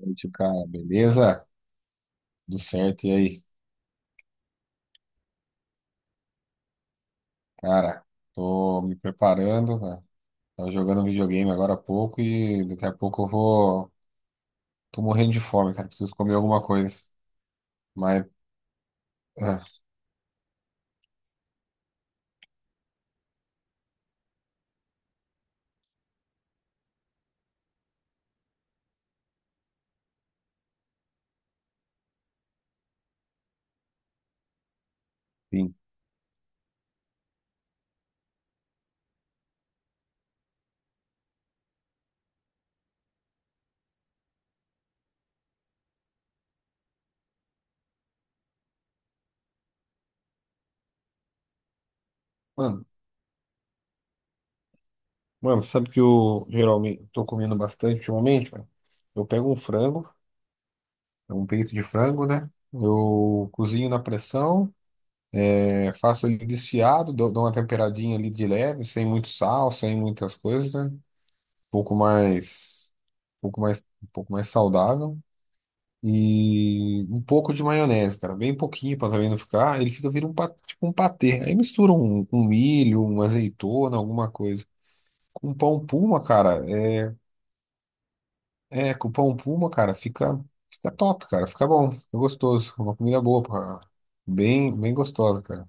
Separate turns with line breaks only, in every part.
Noite, cara. Beleza? Tudo certo. E aí? Cara, tô me preparando, né? Tava jogando videogame agora há pouco e daqui a pouco eu vou. Tô morrendo de fome, cara. Preciso comer alguma coisa. Mas, ah, enfim. Mano, mano, sabe que eu geralmente tô comendo bastante ultimamente, velho? Eu pego um frango, um peito de frango, né? Eu cozinho na pressão, faço ele desfiado, dou uma temperadinha ali de leve, sem muito sal, sem muitas coisas, né? Pouco mais, um pouco mais saudável e um pouco de maionese, cara, bem pouquinho para também não ficar. Ele fica vira um tipo um patê. Aí mistura um milho, uma azeitona, alguma coisa. Com pão puma, cara, é, é com pão puma, cara, fica top, cara, fica bom, fica gostoso, uma comida boa, bem, bem gostosa, cara.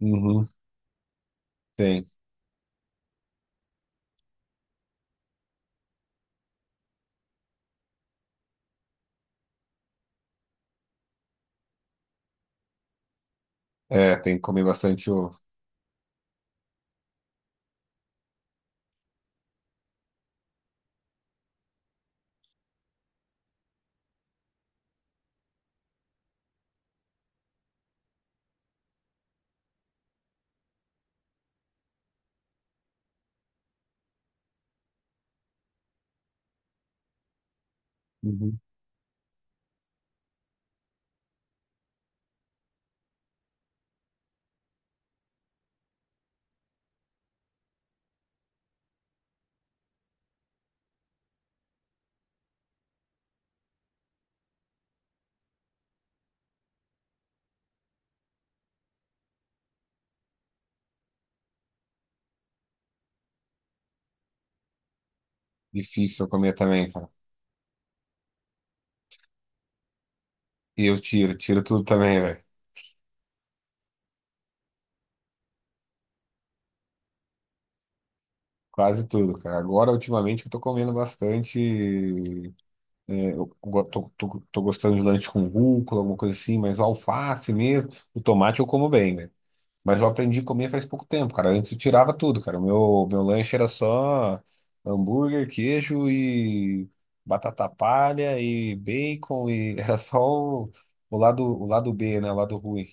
Uhum, tem, é, tem que comer bastante ovo. Uhum. Difícil eu comer também, cara. E eu tiro tudo também, velho. Quase tudo, cara. Agora, ultimamente, eu tô comendo bastante. É, eu tô gostando de lanche com rúcula, alguma coisa assim, mas o alface mesmo, o tomate eu como bem, né? Mas eu aprendi a comer faz pouco tempo, cara. Antes eu tirava tudo, cara. O meu lanche era só hambúrguer, queijo e batata palha e bacon e era só o lado B, né? O lado ruim.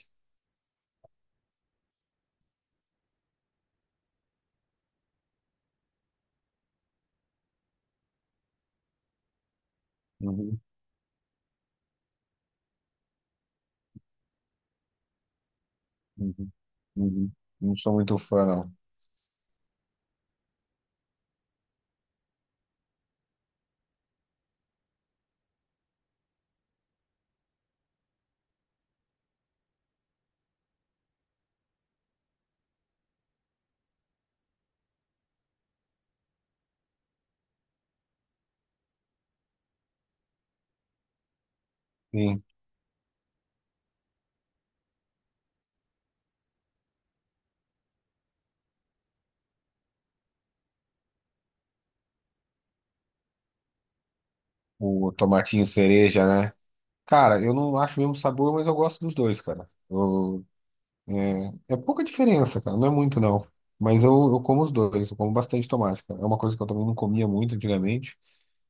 Uhum, uhum, uhum. Não sou muito fã, não. Sim, o tomatinho cereja, né? Cara, eu não acho o mesmo sabor, mas eu gosto dos dois, cara. Eu- é, é pouca diferença, cara. Não é muito, não. Mas eu como os dois, eu como bastante tomate, cara. É uma coisa que eu também não comia muito antigamente.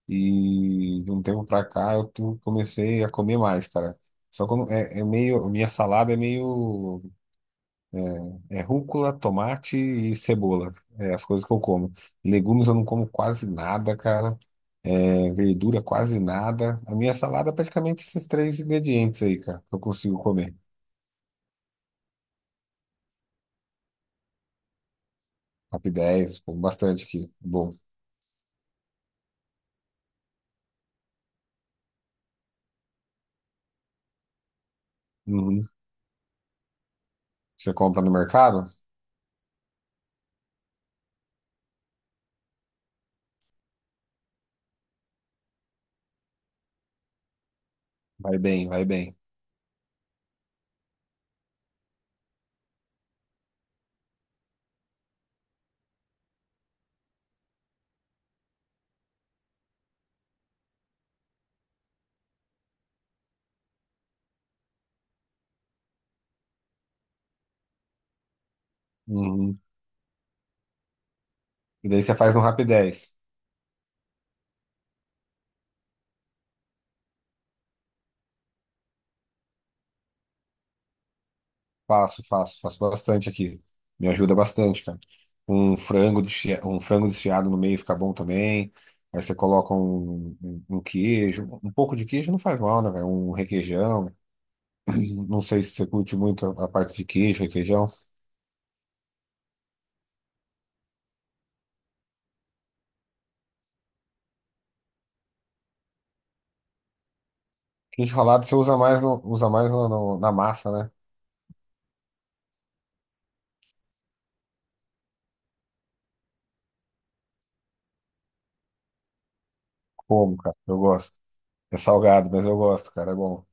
E de um tempo pra cá eu comecei a comer mais, cara. Só que eu não- é, é meio. Minha salada é meio. É é rúcula, tomate e cebola. É as coisas que eu como. Legumes eu não como quase nada, cara. É, verdura quase nada. A minha salada é praticamente esses três ingredientes aí, cara, que eu consigo comer. Top 10, como bastante aqui. Bom. Uhum. Você compra no mercado? Vai bem, vai bem. Uhum. E daí você faz no Rap. Faço, faço, faço bastante aqui. Me ajuda bastante, cara. Um um frango desfiado no meio fica bom também. Aí você coloca um queijo, um pouco de queijo não faz mal, né, velho? Um requeijão. Não sei se você curte muito a parte de queijo, requeijão. Queijo ralado você usa mais usa mais na massa, né? Como, cara? Eu gosto. É salgado, mas eu gosto, cara. É bom.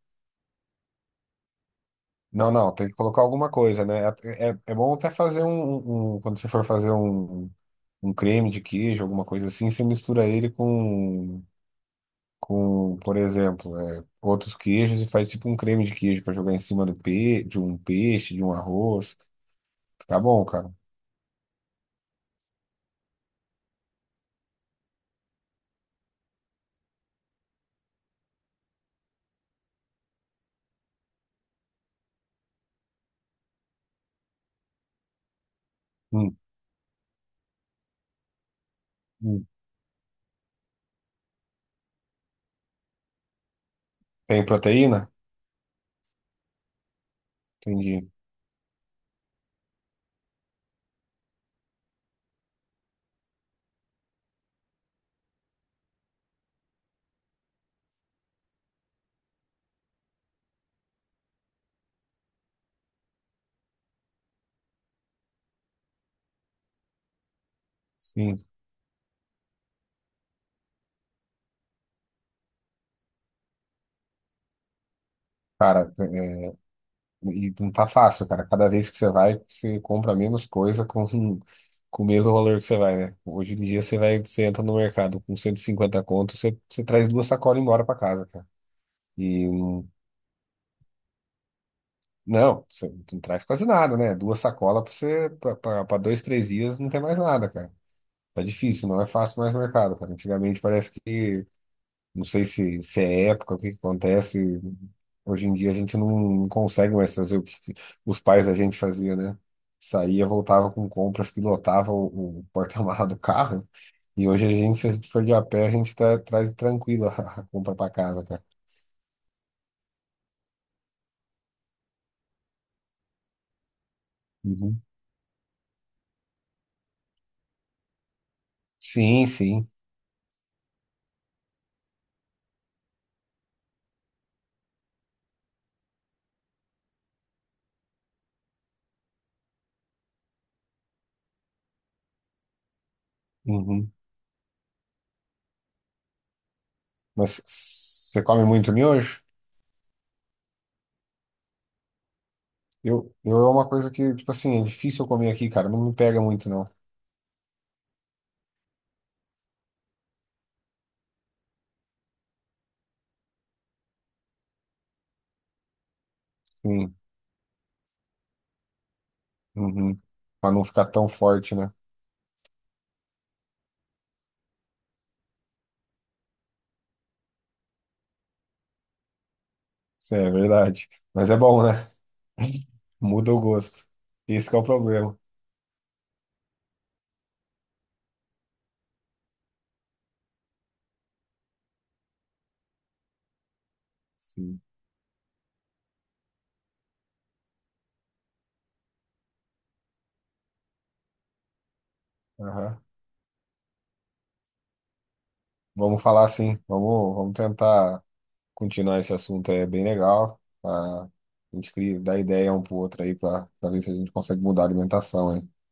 Não, não, tem que colocar alguma coisa, né? É, é, é bom até fazer quando você for fazer um um creme de queijo, alguma coisa assim, você mistura ele com, por exemplo, é, outros queijos e faz tipo um creme de queijo para jogar em cima do pe de um peixe, de um arroz. Fica bom, cara. Hum, hum. Tem proteína? Entendi. Sim. Cara, é, e não tá fácil, cara. Cada vez que você vai, você compra menos coisa com o mesmo valor que você vai, né? Hoje em dia você vai, você entra no mercado com 150 conto, você traz duas sacolas embora para casa, cara. E não, você não traz quase nada, né? Duas sacolas pra você, para dois, três dias não tem mais nada, cara. Tá difícil, não é fácil mais mercado, cara. Antigamente parece que, não sei se é época, o que que acontece. Hoje em dia a gente não consegue mais fazer o que os pais da gente faziam, né? Saía, voltava com compras que lotava o porta-mala do carro. E hoje a gente, se a gente for de a pé, a gente tá, traz tranquilo a compra pra casa, cara. Uhum. Sim, sim. Uhum. Mas você come muito miojo? Eu é uma coisa que, tipo assim, é difícil eu comer aqui, cara. Não me pega muito, não. Sim. Uhum. Pra não ficar tão forte, né? Isso é verdade. Mas é bom, né? Muda o gosto. Esse que é o problema. Sim. Aham. Vamos falar assim. Vamos tentar continuar esse assunto. É bem legal. Tá? A gente dá ideia um pro outro aí, pra pra ver se a gente consegue mudar a alimentação, hein?